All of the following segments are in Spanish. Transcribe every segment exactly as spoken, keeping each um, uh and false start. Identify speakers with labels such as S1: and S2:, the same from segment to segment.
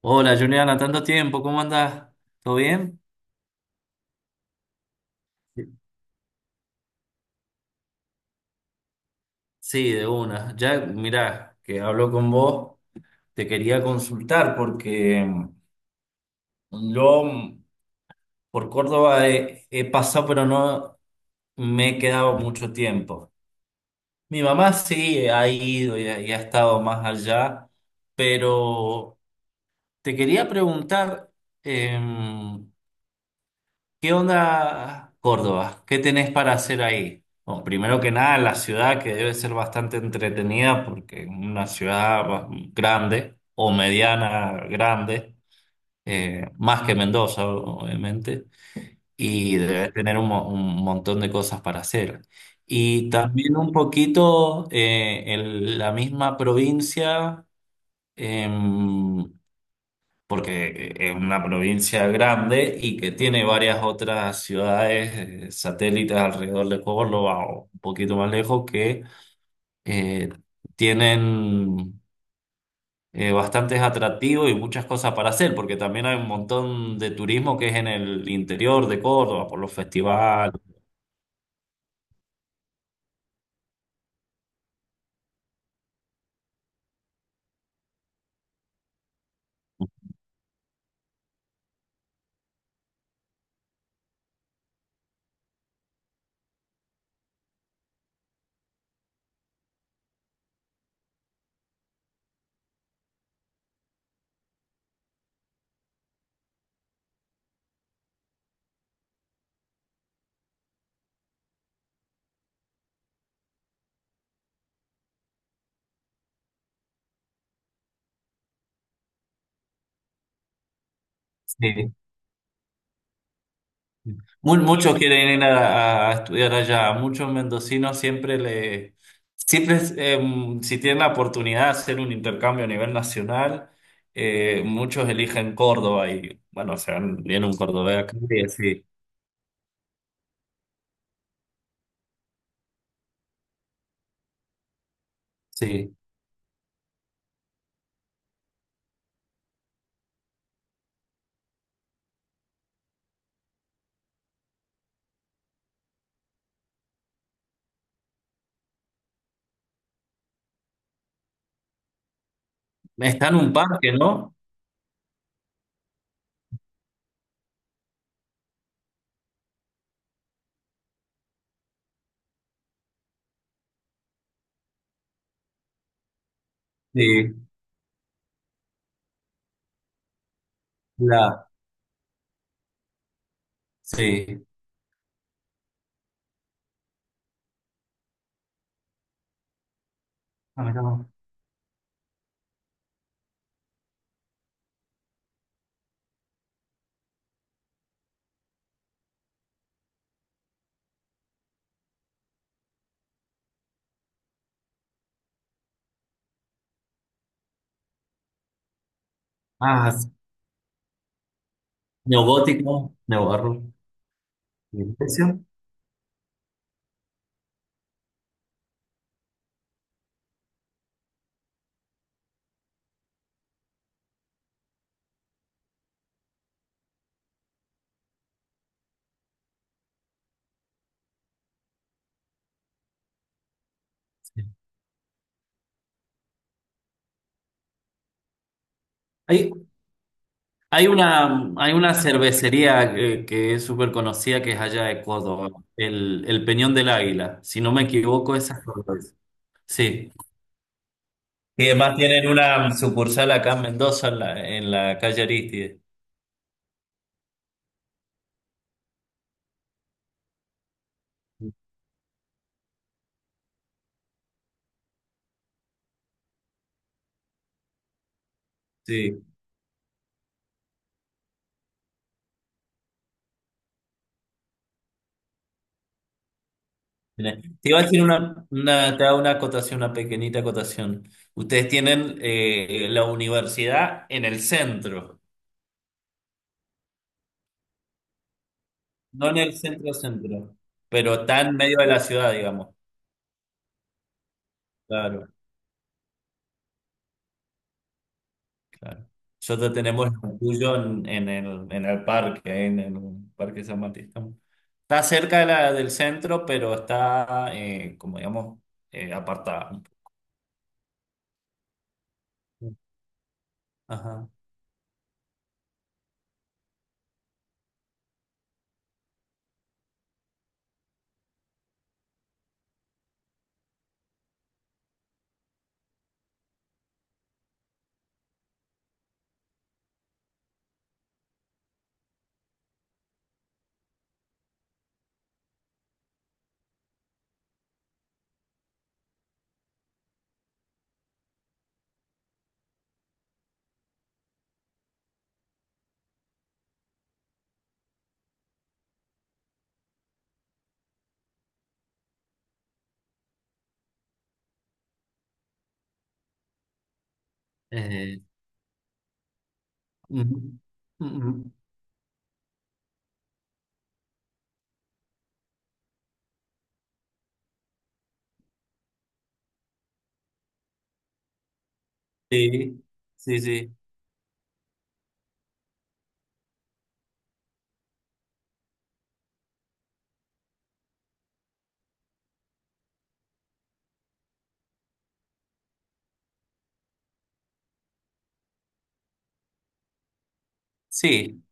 S1: Hola Juliana, tanto tiempo, ¿cómo andás? ¿Todo bien? Sí, de una. Ya, mirá, que hablo con vos, te quería consultar porque mm, yo mm, por Córdoba he, he pasado, pero no me he quedado mucho tiempo. Mi mamá sí ha ido y ha, y ha estado más allá, pero te quería preguntar, em, ¿qué onda Córdoba? ¿Qué tenés para hacer ahí? Bueno, primero que nada, la ciudad que debe ser bastante entretenida porque es una ciudad ba- grande o mediana grande, eh, más que Mendoza, obviamente, y debe tener un, mo- un montón de cosas para hacer. Y también un poquito eh, en la misma provincia. Em, porque eh, Es una provincia grande y que tiene varias otras ciudades eh, satélites alrededor de Córdoba o un poquito más lejos que eh, tienen eh, bastantes atractivos y muchas cosas para hacer, porque también hay un montón de turismo que es en el interior de Córdoba, por los festivales. Sí. Mu- Muchos quieren ir a, a estudiar allá. A muchos mendocinos siempre le, siempre, em, si tienen la oportunidad de hacer un intercambio a nivel nacional, eh, muchos eligen Córdoba y bueno, se van- viene un cordobés acá y sí, sí. Está en un parque, ¿no? Sí, la, sí. Ah, mira. Ah, sí. Neogótico, neobarro. Sí. ¿Precio? Sí. Hay, hay una, hay una cervecería que, que es súper conocida que es allá de Córdoba, el, el Peñón del Águila. Si no me equivoco, esa es cerveza. Sí. Y además tienen una sucursal acá en Mendoza, en la, en la calle Aristide. Sí. Tiene- Te iba a decir una, una, te hago una acotación, una pequeñita acotación. Ustedes tienen eh, la universidad en el centro, no en el centro centro, pero está en medio de la ciudad, digamos. Claro. Claro. Nosotros tenemos el tuyo en, en el, en el parque, ¿eh? En el Parque San Martín. Está cerca de la, del centro, pero está, eh, como digamos, eh, apartada un poco. Ajá. Eh, mm, mm, Sí, sí, sí. Sí.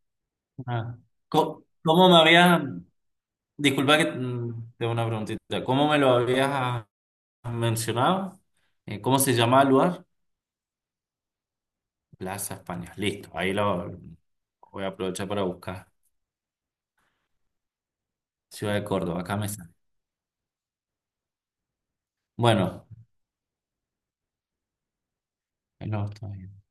S1: Ah. Co- ¿Cómo, me habías, disculpa que, mm, tengo una preguntita, ¿cómo me lo habías mencionado? Eh, ¿cómo se llama el lugar? Plaza España. Listo, ahí lo voy a aprovechar para buscar. Ciudad de Córdoba, acá me sale. Bueno, no, está bien.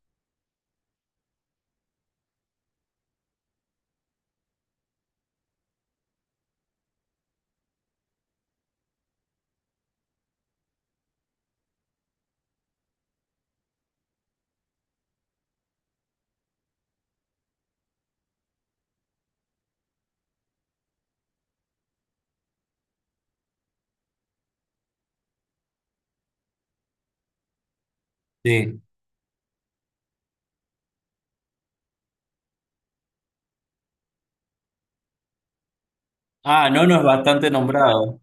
S1: Sí. Ah, no, no es bastante nombrado.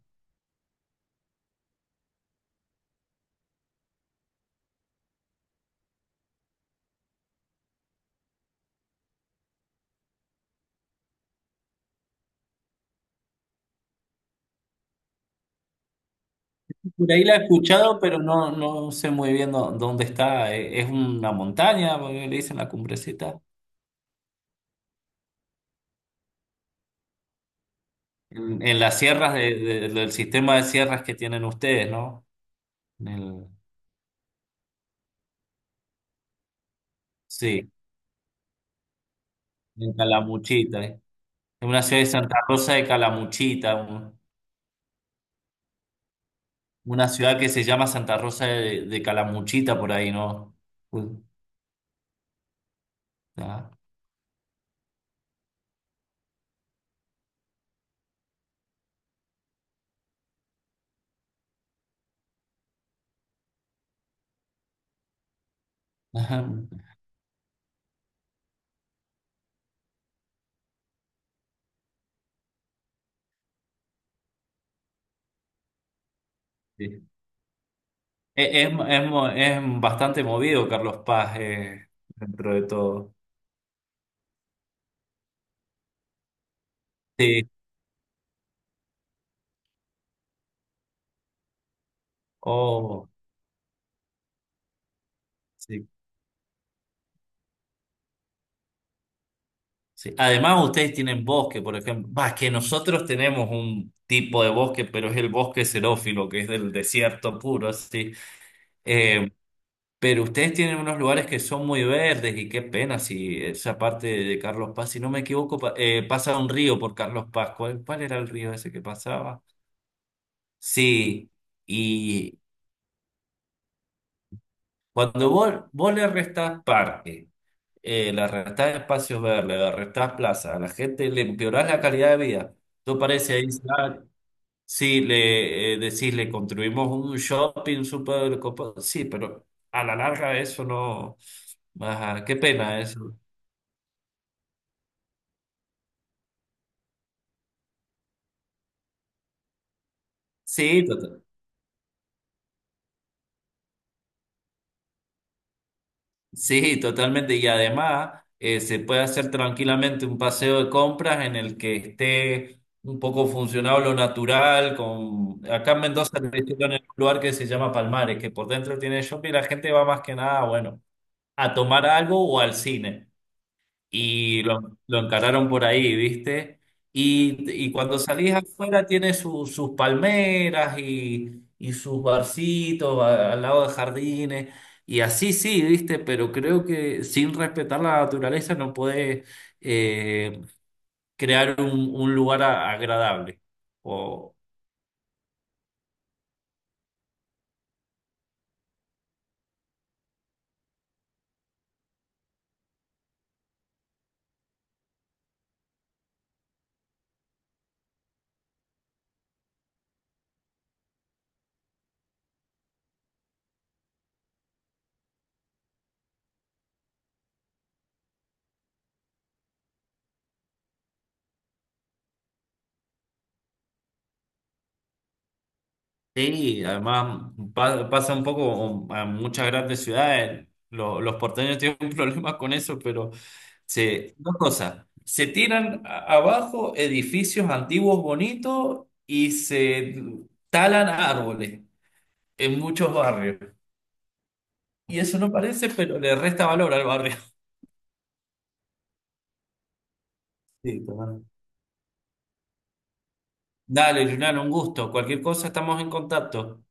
S1: Por ahí la he escuchado, pero no, no sé muy bien dó- dónde está. Eh, Es una montaña, porque le dicen la cumbrecita. En, en las sierras de- de- del sistema de sierras que tienen ustedes, ¿no? En el- sí, en Calamuchita. Eh. En una ciudad de Santa Rosa de Calamuchita, un- una ciudad que se llama Santa Rosa de, de Calamuchita por ahí, ¿no? Uy, ah, sí. Es, es, es mo- es bastante movido Carlos Paz, eh, dentro de todo. Sí, oh, sí, sí. Además, ustedes tienen bosque, por ejemplo. Va, es que nosotros tenemos un tipo de bosque, pero es el bosque xerófilo, que es del desierto puro, así. Eh, pero ustedes tienen unos lugares que son muy verdes y qué pena si esa parte de Carlos Paz, si no me equivoco, pa- eh, pasa un río por Carlos Paz. ¿Cuál, cuál era el río ese que pasaba? Sí. Cuando vos, vos le restás parque, eh, le restás espacios verdes, le restás plaza, a la gente le empeorás la calidad de vida. Tú parece ahí, ah, sí, le, eh, decís, le construimos un shopping súper copado. Sí, pero a la larga eso no. Ajá, qué pena eso. Sí, Sí, totalmente. Y además eh, se puede hacer tranquilamente un paseo de compras en el que esté un poco funcionado lo natural. Con... Acá en Mendoza le hicieron en un lugar que se llama Palmares, que por dentro tiene shopping y la gente va más que nada, bueno, a tomar algo o al cine y lo, lo encararon por ahí, ¿viste? Y, y cuando salís afuera tiene su- sus palmeras y, y sus barcitos a- al lado de jardines. Y así sí, ¿viste? Pero creo que sin respetar la naturaleza no podés, eh, crear un, un lugar a- agradable. O, sí, además pa- pasa un poco a muchas grandes ciudades. Lo- Los porteños tienen problemas con eso, pero se, dos cosas. Se tiran a- abajo edificios antiguos bonitos y se talan árboles en muchos barrios. Y eso no parece, pero le resta valor al barrio. Sí, total. Dale, Julián, un gusto. Cualquier cosa estamos en contacto.